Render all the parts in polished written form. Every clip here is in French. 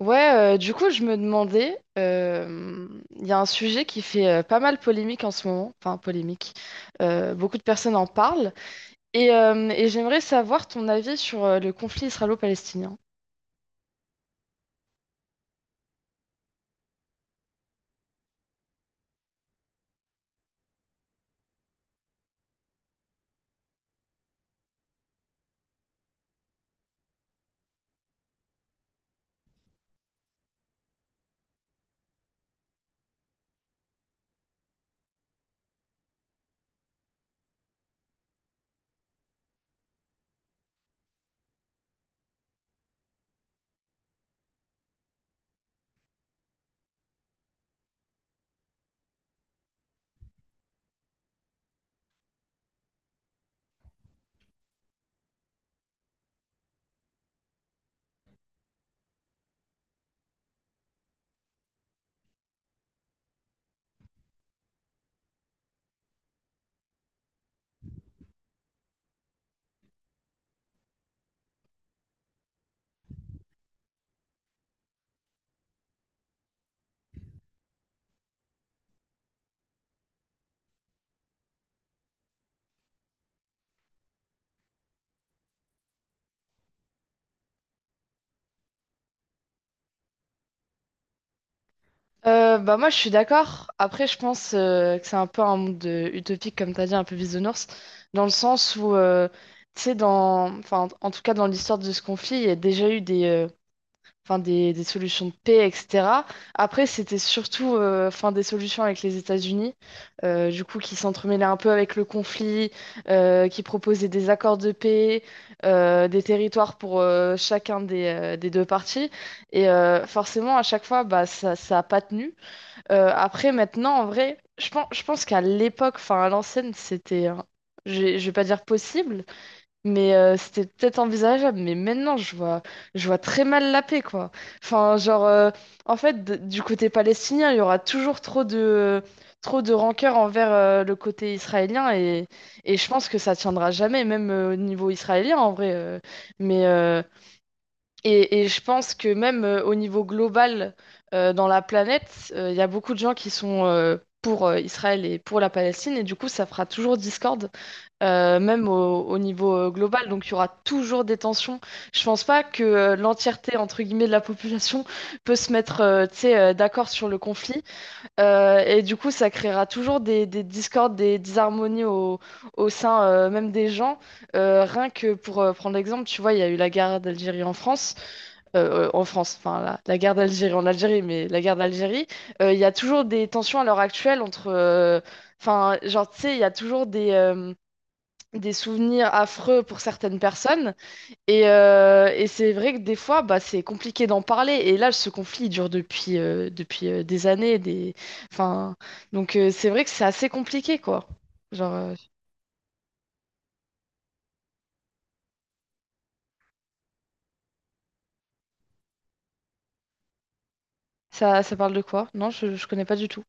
Ouais, du coup, je me demandais, il y a un sujet qui fait pas mal polémique en ce moment, enfin polémique, beaucoup de personnes en parlent, et j'aimerais savoir ton avis sur le conflit israélo-palestinien. Bah moi, je suis d'accord. Après, je pense que c'est un peu un monde utopique, comme t'as dit, un peu bisounours, dans le sens où, tu sais, dans, enfin, en tout cas dans l'histoire de ce conflit, il y a déjà eu des solutions de paix, etc. Après, c'était surtout enfin, des solutions avec les États-Unis, du coup, qui s'entremêlaient un peu avec le conflit, qui proposaient des accords de paix, des territoires pour chacun des deux parties. Et forcément, à chaque fois, bah, ça a pas tenu. Après, maintenant, en vrai, je pense qu'à l'époque, enfin à l'ancienne, c'était. Je vais pas dire possible, mais c'était peut-être envisageable, mais maintenant je vois très mal la paix, quoi. Enfin, genre, en fait, du côté palestinien, il y aura toujours trop de rancœur envers le côté israélien, et je pense que ça tiendra jamais, même au niveau israélien, en vrai. Mais, euh, et je pense que même au niveau global, dans la planète, il y a beaucoup de gens qui sont pour Israël et pour la Palestine, et du coup, ça fera toujours discorde même au niveau global. Donc il y aura toujours des tensions. Je pense pas que l'entièreté, entre guillemets, de la population peut se mettre tu sais, d'accord sur le conflit. Et du coup, ça créera toujours des discordes, des disharmonies au sein même des gens. Rien que pour prendre l'exemple, tu vois, il y a eu la guerre d'Algérie en France. En France, enfin la guerre d'Algérie en Algérie, mais la guerre d'Algérie. Il y a toujours des tensions à l'heure actuelle entre. Enfin, genre, tu sais, il y a toujours des souvenirs affreux pour certaines personnes. Et c'est vrai que des fois, bah, c'est compliqué d'en parler. Et là, ce conflit il dure depuis des années. Des. Enfin, donc c'est vrai que c'est assez compliqué, quoi. Genre, ça, ça parle de quoi? Non, je connais pas du tout.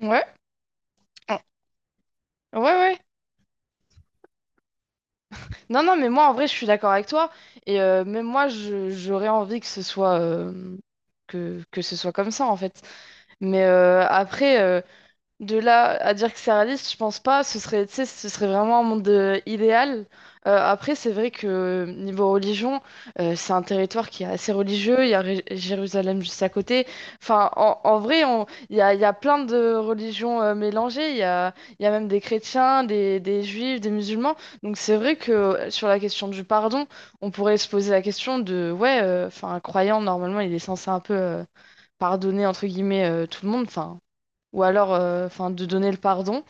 Ouais. Ah. Ouais, ouais. Non, non, mais moi, en vrai, je suis d'accord avec toi. Et même moi, j'aurais envie que ce soit. Que ce soit comme ça en fait. Mais après, de là à dire que c'est réaliste, je pense pas. Ce serait, tu sais, ce serait vraiment un monde idéal. Après, c'est vrai que niveau religion, c'est un territoire qui est assez religieux. Il y a Jérusalem juste à côté. Enfin, en vrai, il y a plein de religions mélangées. Il y a même des chrétiens, des juifs, des musulmans. Donc, c'est vrai que sur la question du pardon, on pourrait se poser la question de, ouais, enfin, un croyant, normalement, il est censé un peu pardonner, entre guillemets, tout le monde. Enfin, ou alors enfin de donner le pardon.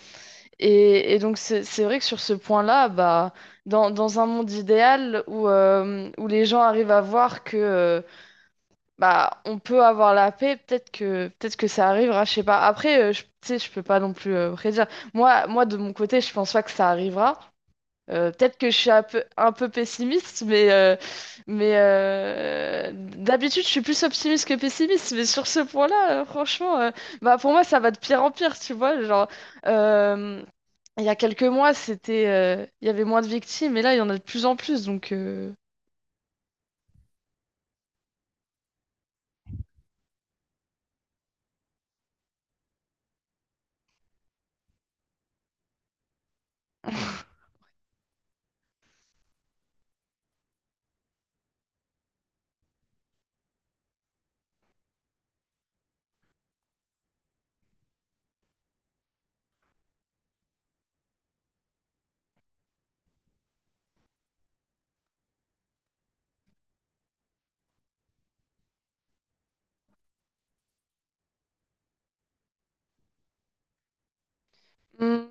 Et donc c'est vrai que sur ce point-là, bah, dans un monde idéal où, où les gens arrivent à voir que bah, on peut avoir la paix, peut-être que ça arrivera, je sais pas. Après, tu sais, je peux pas non plus prédire. Moi, de mon côté, je pense pas que ça arrivera. Peut-être que je suis un peu pessimiste, mais d'habitude, je suis plus optimiste que pessimiste. Mais sur ce point-là, franchement, bah, pour moi, ça va de pire en pire, tu vois. Genre, euh, il y a quelques mois, il y avait moins de victimes, et là, il y en a de plus en plus. Donc. Hmm,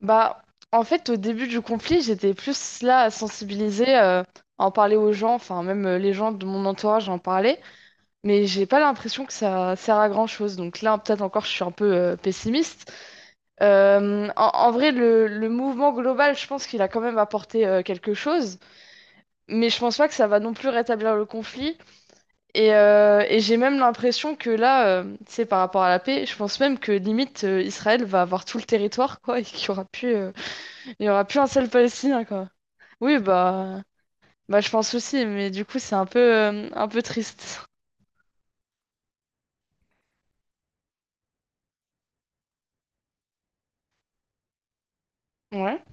Bah, en fait, au début du conflit, j'étais plus là à sensibiliser, à en parler aux gens, enfin, même les gens de mon entourage en parlaient. Mais j'ai pas l'impression que ça sert à grand-chose. Donc là, peut-être encore, je suis un peu pessimiste. En vrai, le mouvement global, je pense qu'il a quand même apporté quelque chose, mais je pense pas que ça va non plus rétablir le conflit. Et j'ai même l'impression que là, tu sais, par rapport à la paix, je pense même que limite Israël va avoir tout le territoire, quoi, et qu'il y aura plus, il y aura plus un seul Palestinien, quoi. Oui, bah, je pense aussi, mais du coup, c'est un peu triste. Ouais.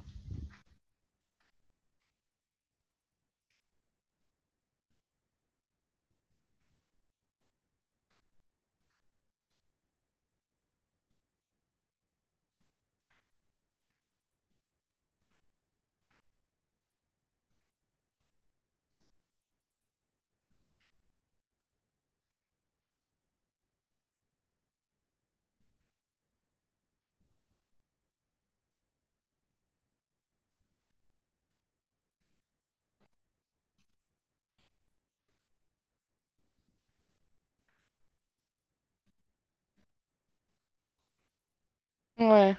Ouais,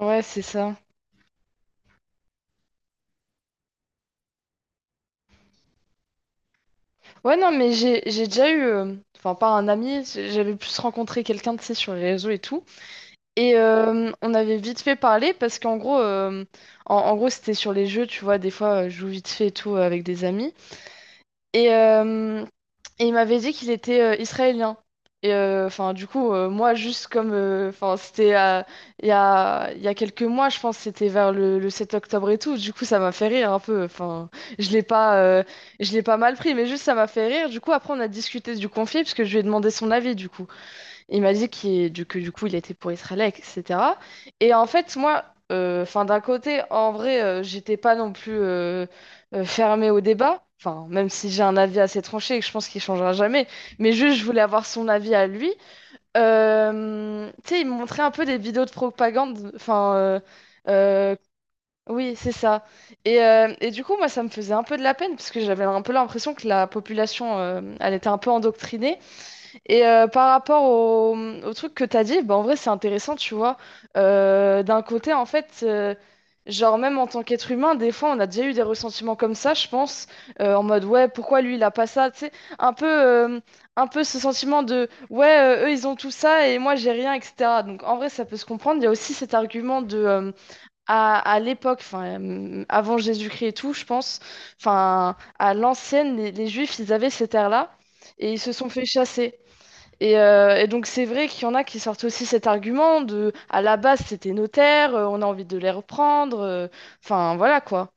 ouais, c'est ça. Ouais, non, mais j'ai déjà eu, enfin pas un ami, j'avais plus rencontré quelqu'un, tu sais, sur les réseaux et tout. Et on avait vite fait parler parce qu'en gros, c'était sur les jeux, tu vois, des fois, je joue vite fait et tout avec des amis. Et, euh, et il m'avait dit qu'il était israélien. Et enfin, du coup, moi, juste comme. Enfin, c'était il y a quelques mois, je pense, c'était vers le 7 octobre et tout. Du coup, ça m'a fait rire un peu. Enfin, je l'ai pas, euh, je l'ai pas mal pris, mais juste ça m'a fait rire. Du coup, après, on a discuté du conflit, parce que je lui ai demandé son avis, du coup. Il m'a dit que du coup, il était pour Israël, etc. Et en fait, moi, enfin, d'un côté, en vrai, j'étais pas non plus fermée au débat. Enfin, même si j'ai un avis assez tranché et que je pense qu'il changera jamais. Mais juste, je voulais avoir son avis à lui. Tu sais, il me montrait un peu des vidéos de propagande. Enfin, euh, oui, c'est ça. Et du coup, moi, ça me faisait un peu de la peine parce que j'avais un peu l'impression que la population, elle était un peu endoctrinée, et par rapport au truc que t'as dit, bah, en vrai, c'est intéressant, tu vois. D'un côté, en fait, genre, même en tant qu'être humain, des fois, on a déjà eu des ressentiments comme ça, je pense, en mode, ouais, pourquoi lui, il a pas ça, tu sais, un peu, euh, un peu ce sentiment de, ouais, eux, ils ont tout ça et moi, j'ai rien, etc. Donc, en vrai, ça peut se comprendre. Il y a aussi cet argument de, à l'époque, enfin, avant Jésus-Christ et tout, je pense, enfin, à l'ancienne, les Juifs, ils avaient cette ère-là et ils se sont fait chasser. Et donc c'est vrai qu'il y en a qui sortent aussi cet argument de à la base c'était nos terres, on a envie de les reprendre, enfin voilà quoi.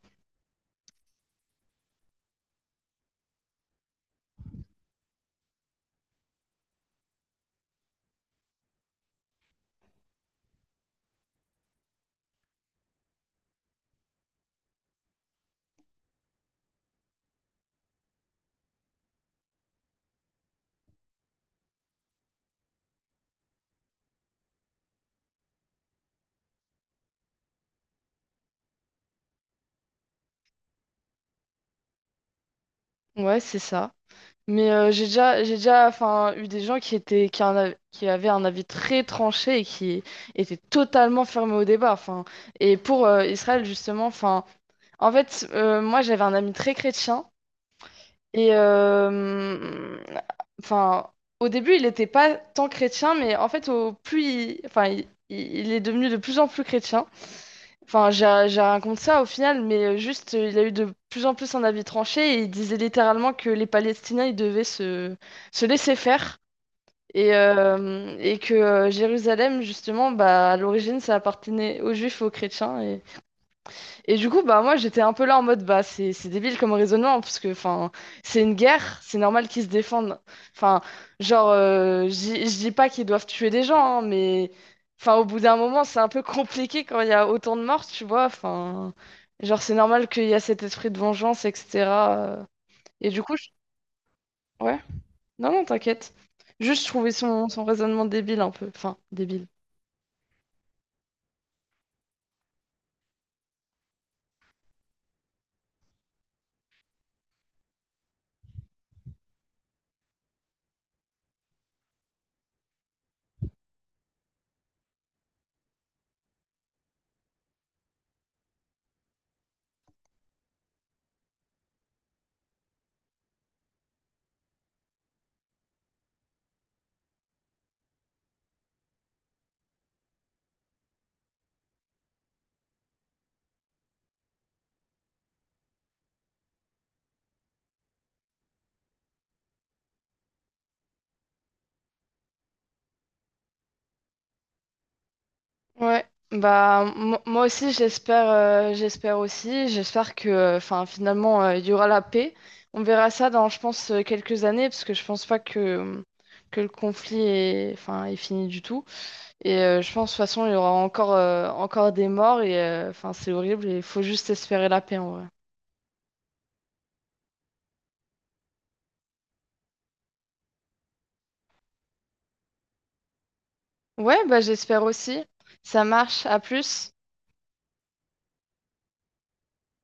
Ouais, c'est ça. Mais j'ai déjà enfin eu des gens qui étaient qui, en av- qui avaient un avis très tranché et qui étaient totalement fermés au débat. Enfin et pour Israël justement, enfin en fait moi j'avais un ami très chrétien. Et enfin, au début, il n'était pas tant chrétien, mais en fait, au plus il, enfin, il est devenu de plus en plus chrétien. Enfin, j'ai raconté ça au final, mais juste, il a eu de plus en plus un avis tranché et il disait littéralement que les Palestiniens, ils devaient se laisser faire. Et que Jérusalem, justement, bah, à l'origine, ça appartenait aux Juifs et aux chrétiens. Et du coup, bah, moi, j'étais un peu là en mode, bah, c'est débile comme raisonnement, parce que, enfin, c'est une guerre, c'est normal qu'ils se défendent. Enfin, genre, je dis pas qu'ils doivent tuer des gens, hein, mais, enfin, au bout d'un moment, c'est un peu compliqué quand il y a autant de morts, tu vois. Enfin, genre, c'est normal qu'il y a cet esprit de vengeance, etc. euh. Et du coup, ouais, non, non, t'inquiète. Juste, je trouvais son raisonnement débile un peu. Enfin, débile. Ouais, bah moi aussi j'espère que enfin finalement il y aura la paix. On verra ça dans je pense quelques années parce que je pense pas que le conflit est enfin est fini du tout et je pense de toute façon il y aura encore des morts et enfin c'est horrible et il faut juste espérer la paix en vrai. Ouais, bah j'espère aussi. Ça marche, à plus.